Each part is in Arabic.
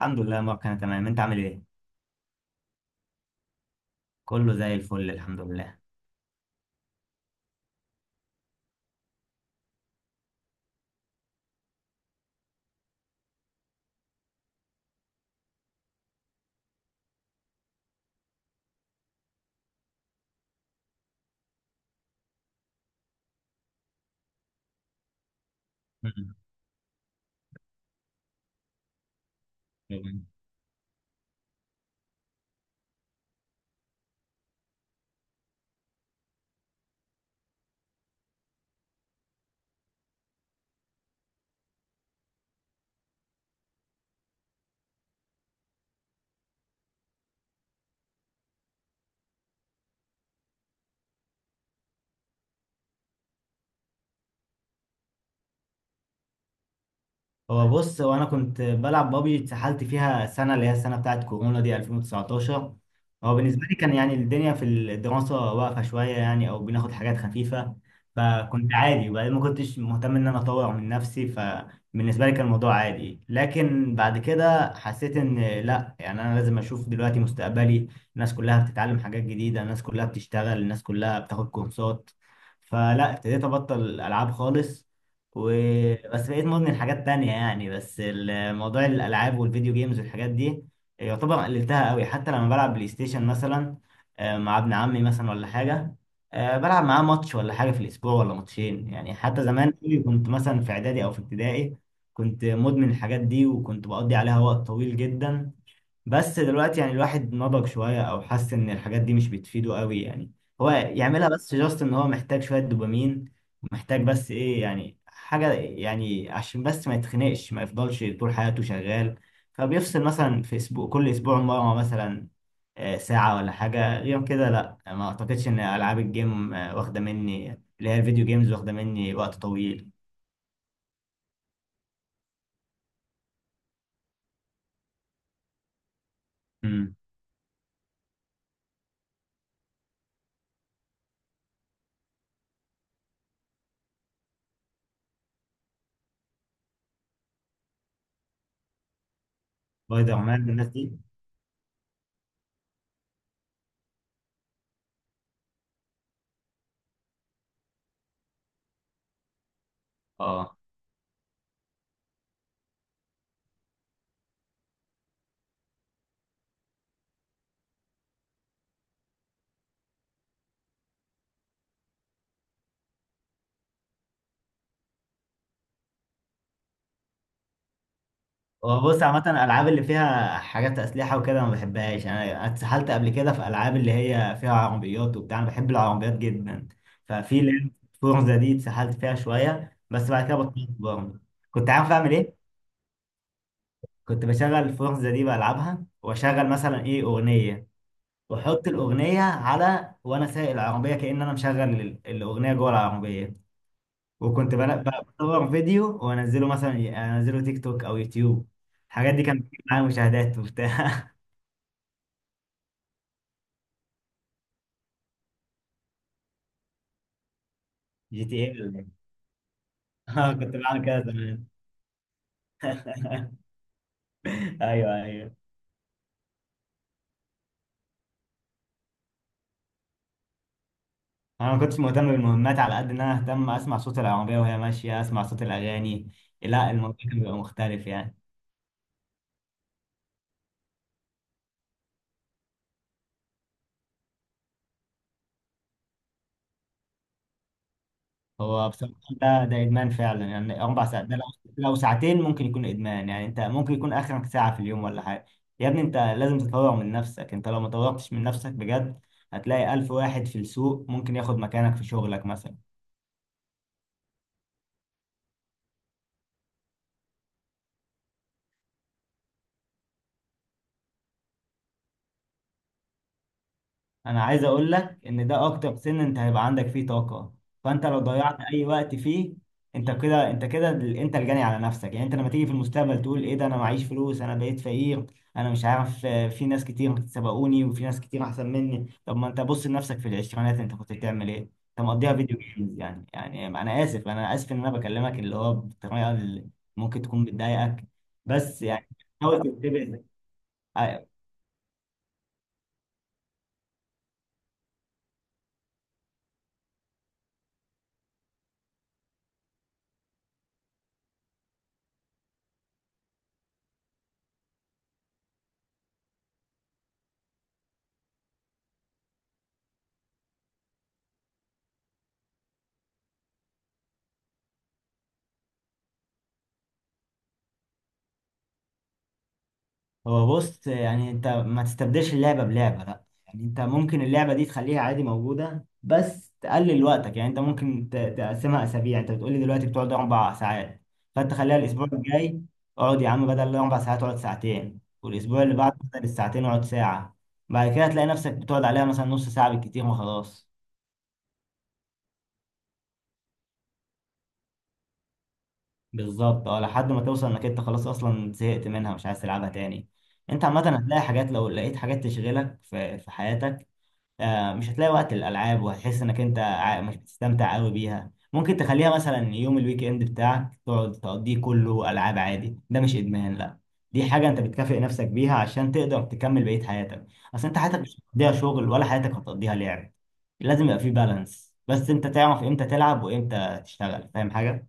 الحمد لله يا مروان، انا تمام. انت عامل ايه؟ كله زي الفل الحمد لله. مم. هو بص انا كنت بلعب بابجي، اتسحلت فيها سنه اللي هي السنه بتاعت كورونا دي 2019. هو بالنسبه لي كان يعني الدنيا في الدراسه واقفه شويه يعني، او بناخد حاجات خفيفه، فكنت عادي. وبعدين ما كنتش مهتم ان انا اطور من نفسي، فبالنسبه لي كان الموضوع عادي. لكن بعد كده حسيت ان لا، يعني انا لازم اشوف دلوقتي مستقبلي. الناس كلها بتتعلم حاجات جديده، الناس كلها بتشتغل، الناس كلها بتاخد كورسات. فلا، ابتديت ابطل العاب خالص. وبس بقيت مدمن حاجات تانية يعني، بس الموضوع الألعاب والفيديو جيمز والحاجات دي يعتبر قللتها قوي. حتى لما بلعب بلاي ستيشن مثلا، مع ابن عمي مثلا ولا حاجة، بلعب معاه ماتش ولا حاجة في الأسبوع ولا ماتشين. يعني حتى زمان قوي كنت مثلا في إعدادي أو في ابتدائي كنت مدمن الحاجات دي، وكنت بقضي عليها وقت طويل جدا. بس دلوقتي يعني الواحد نضج شوية، او حس ان الحاجات دي مش بتفيده قوي يعني. هو يعملها بس جاست ان هو محتاج شوية دوبامين، ومحتاج بس ايه، يعني حاجة يعني عشان بس ما يتخنقش، ما يفضلش طول حياته شغال. فبيفصل مثلا في اسبوع، كل اسبوع مرة مثلا، ساعة ولا حاجة غير كده. لا، ما اعتقدش ان العاب الجيم واخدة مني، اللي هي الفيديو جيمز واخدة مني وقت طويل. امم. سبايدر مان الناس دي. اه بص، عامة الألعاب اللي فيها حاجات أسلحة وكده ما بحبهاش. أنا اتسحلت قبل كده في ألعاب اللي هي فيها عربيات وبتاع، أنا بحب العربيات جدا. ففي لعبة فورزا دي اتسحلت فيها شوية، بس بعد كده بطلت برضه. كنت عارف أعمل إيه؟ كنت بشغل فورزا دي بلعبها، وأشغل مثلا إيه أغنية، وأحط الأغنية على، وأنا سايق العربية كأن أنا مشغل الأغنية جوه العربية. وكنت بصور فيديو وأنزله مثلا، أنزله تيك توك أو يوتيوب. الحاجات دي كانت بتجيب معايا مشاهدات وبتاع. جي تي ايه ولا إيه؟ اه كنت بعمل كده زمان. ايوه ايوه. انا ما كنتش مهتم بالمهمات، على قد ان انا اهتم اسمع صوت العربيه وهي ماشيه، اسمع صوت الاغاني. لا الموضوع كان بيبقى مختلف يعني. هو بصراحه ده ادمان فعلا يعني. اربع ساعات ده، لو ساعتين ممكن يكون ادمان يعني. انت ممكن يكون اخرك ساعه في اليوم ولا حاجه. يا ابني، انت لازم تطور من نفسك. انت لو ما طورتش من نفسك بجد، هتلاقي الف واحد في السوق ممكن ياخد مكانك في شغلك مثلا. انا عايز اقول لك ان ده اكتر سن انت هيبقى عندك فيه طاقة. فانت لو ضيعت اي وقت فيه، انت كده، انت كده انت الجاني على نفسك يعني. انت لما تيجي في المستقبل تقول: ايه ده، انا معيش فلوس، انا بقيت فقير، انا مش عارف. في ناس كتير سبقوني، وفي ناس كتير احسن مني. طب ما انت بص لنفسك في العشرينات، انت كنت بتعمل ايه؟ انت مقضيها فيديو جيمز يعني. يعني انا اسف، انا اسف ان انا بكلمك اللي هو بطريقة اللي ممكن تكون بتضايقك، بس يعني حاول تنتبه. هو بص، يعني انت ما تستبدلش اللعبة بلعبة، لا يعني انت ممكن اللعبة دي تخليها عادي موجودة، بس تقلل وقتك يعني. انت ممكن تقسمها اسابيع. انت بتقولي دلوقتي بتقعد اربع ساعات، فانت خليها الاسبوع الجاي، اقعد يا عم بدل الاربع ساعات اقعد ساعتين، والاسبوع اللي بعده بدل الساعتين اقعد ساعة. بعد كده تلاقي نفسك بتقعد عليها مثلا نص ساعة بالكتير وخلاص. بالظبط اه، لحد ما توصل انك انت خلاص اصلا زهقت منها، مش عايز تلعبها تاني. انت عامة هتلاقي حاجات، لو لقيت حاجات تشغلك في حياتك، مش هتلاقي وقت للألعاب، وهتحس إنك أنت مش بتستمتع قوي بيها. ممكن تخليها مثلا يوم الويك إند بتاعك تقعد تقضيه كله ألعاب عادي، ده مش إدمان لا. دي حاجة أنت بتكافئ نفسك بيها عشان تقدر تكمل بقية حياتك. أصل أنت حياتك مش هتقضيها شغل، ولا حياتك هتقضيها لعب. لازم يبقى في بالانس، بس أنت تعرف إمتى تلعب وإمتى تشتغل. فاهم حاجة؟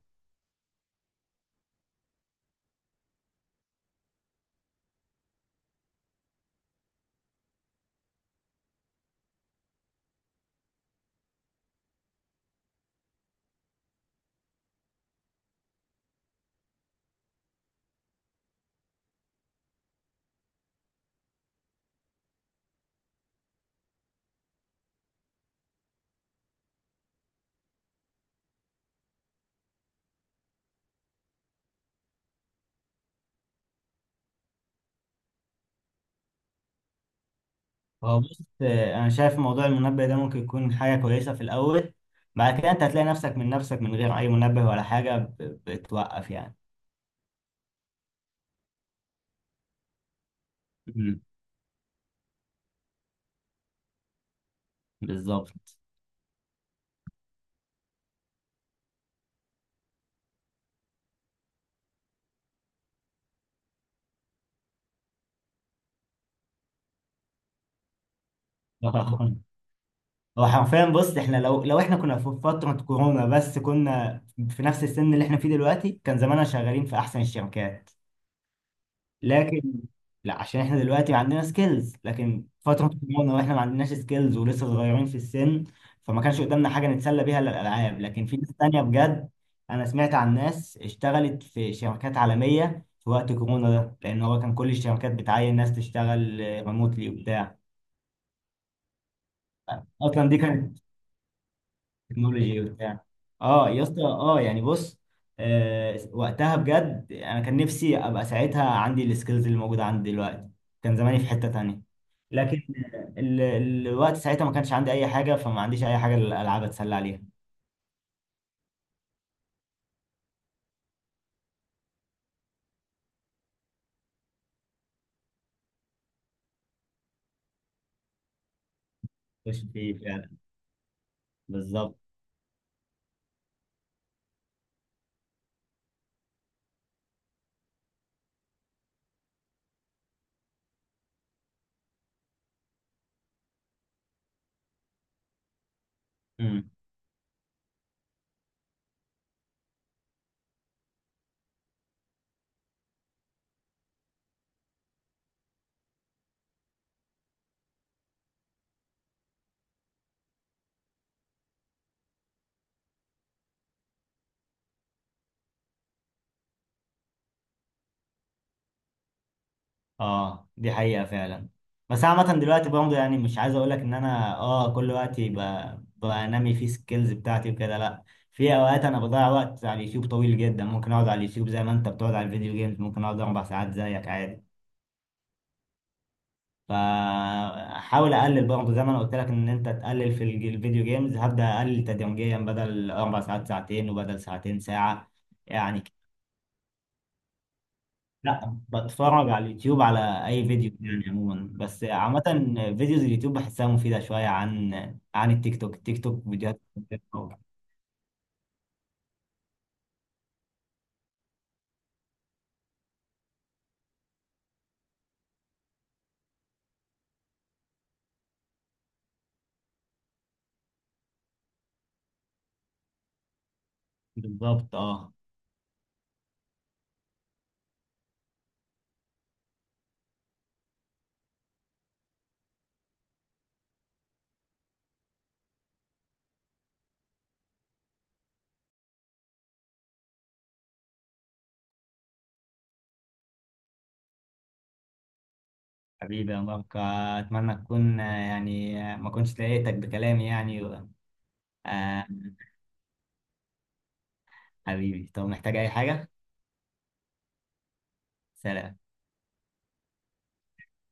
هو بص، أنا شايف موضوع المنبه ده ممكن يكون حاجة كويسة في الأول. بعد كده أنت هتلاقي نفسك من نفسك من غير أي منبه ولا حاجة بتوقف يعني. بالظبط. آه. هو حرفيا بص، احنا لو احنا كنا في فترة كورونا بس كنا في نفس السن اللي احنا فيه دلوقتي، كان زماننا شغالين في احسن الشركات. لكن لا، عشان احنا دلوقتي عندنا سكيلز، لكن فترة كورونا واحنا ما عندناش سكيلز ولسه صغيرين في السن، فما كانش قدامنا حاجة نتسلى بيها الا الالعاب. لكن في ناس تانية بجد، انا سمعت عن ناس اشتغلت في شركات عالمية في وقت كورونا ده، لان هو كان كل الشركات بتعين ناس تشتغل ريموتلي وبتاع. اصلا دي كانت تكنولوجي وبتاع. اه يا اسطى، اه يعني بص، آه وقتها بجد انا كان نفسي ابقى ساعتها عندي السكيلز اللي موجوده عندي دلوقتي، كان زماني في حته تانية. لكن ال... الوقت ساعتها ما كانش عندي اي حاجه، فما عنديش اي حاجه الالعاب اتسلى عليها. مش فيه فعلا. بالظبط. مم. اه دي حقيقة فعلا. بس عامة دلوقتي برضه، يعني مش عايز اقول لك ان انا اه كل وقت بقى بنمي فيه سكيلز بتاعتي وكده، لا. في اوقات انا بضيع وقت على اليوتيوب طويل جدا، ممكن اقعد على اليوتيوب زي ما انت بتقعد على الفيديو جيمز، ممكن اقعد اربع ساعات زيك عادي. فحاول اقلل برضه زي ما انا قلت لك ان انت تقلل في الفيديو جيمز، هبدأ اقلل تدريجيا، بدل اربع ساعات ساعتين، وبدل ساعتين ساعة يعني. لا، بتفرج على اليوتيوب على اي فيديو يعني عموما، بس عامة فيديوز اليوتيوب بحسها مفيدة شوية عن عن التيك توك. التيك توك فيديوهات. بالظبط اه. حبيبي يا مبارك، اتمنى تكون يعني ما كنتش ضايقتك بكلامي يعني. آه حبيبي، طب محتاج اي حاجة؟ سلام.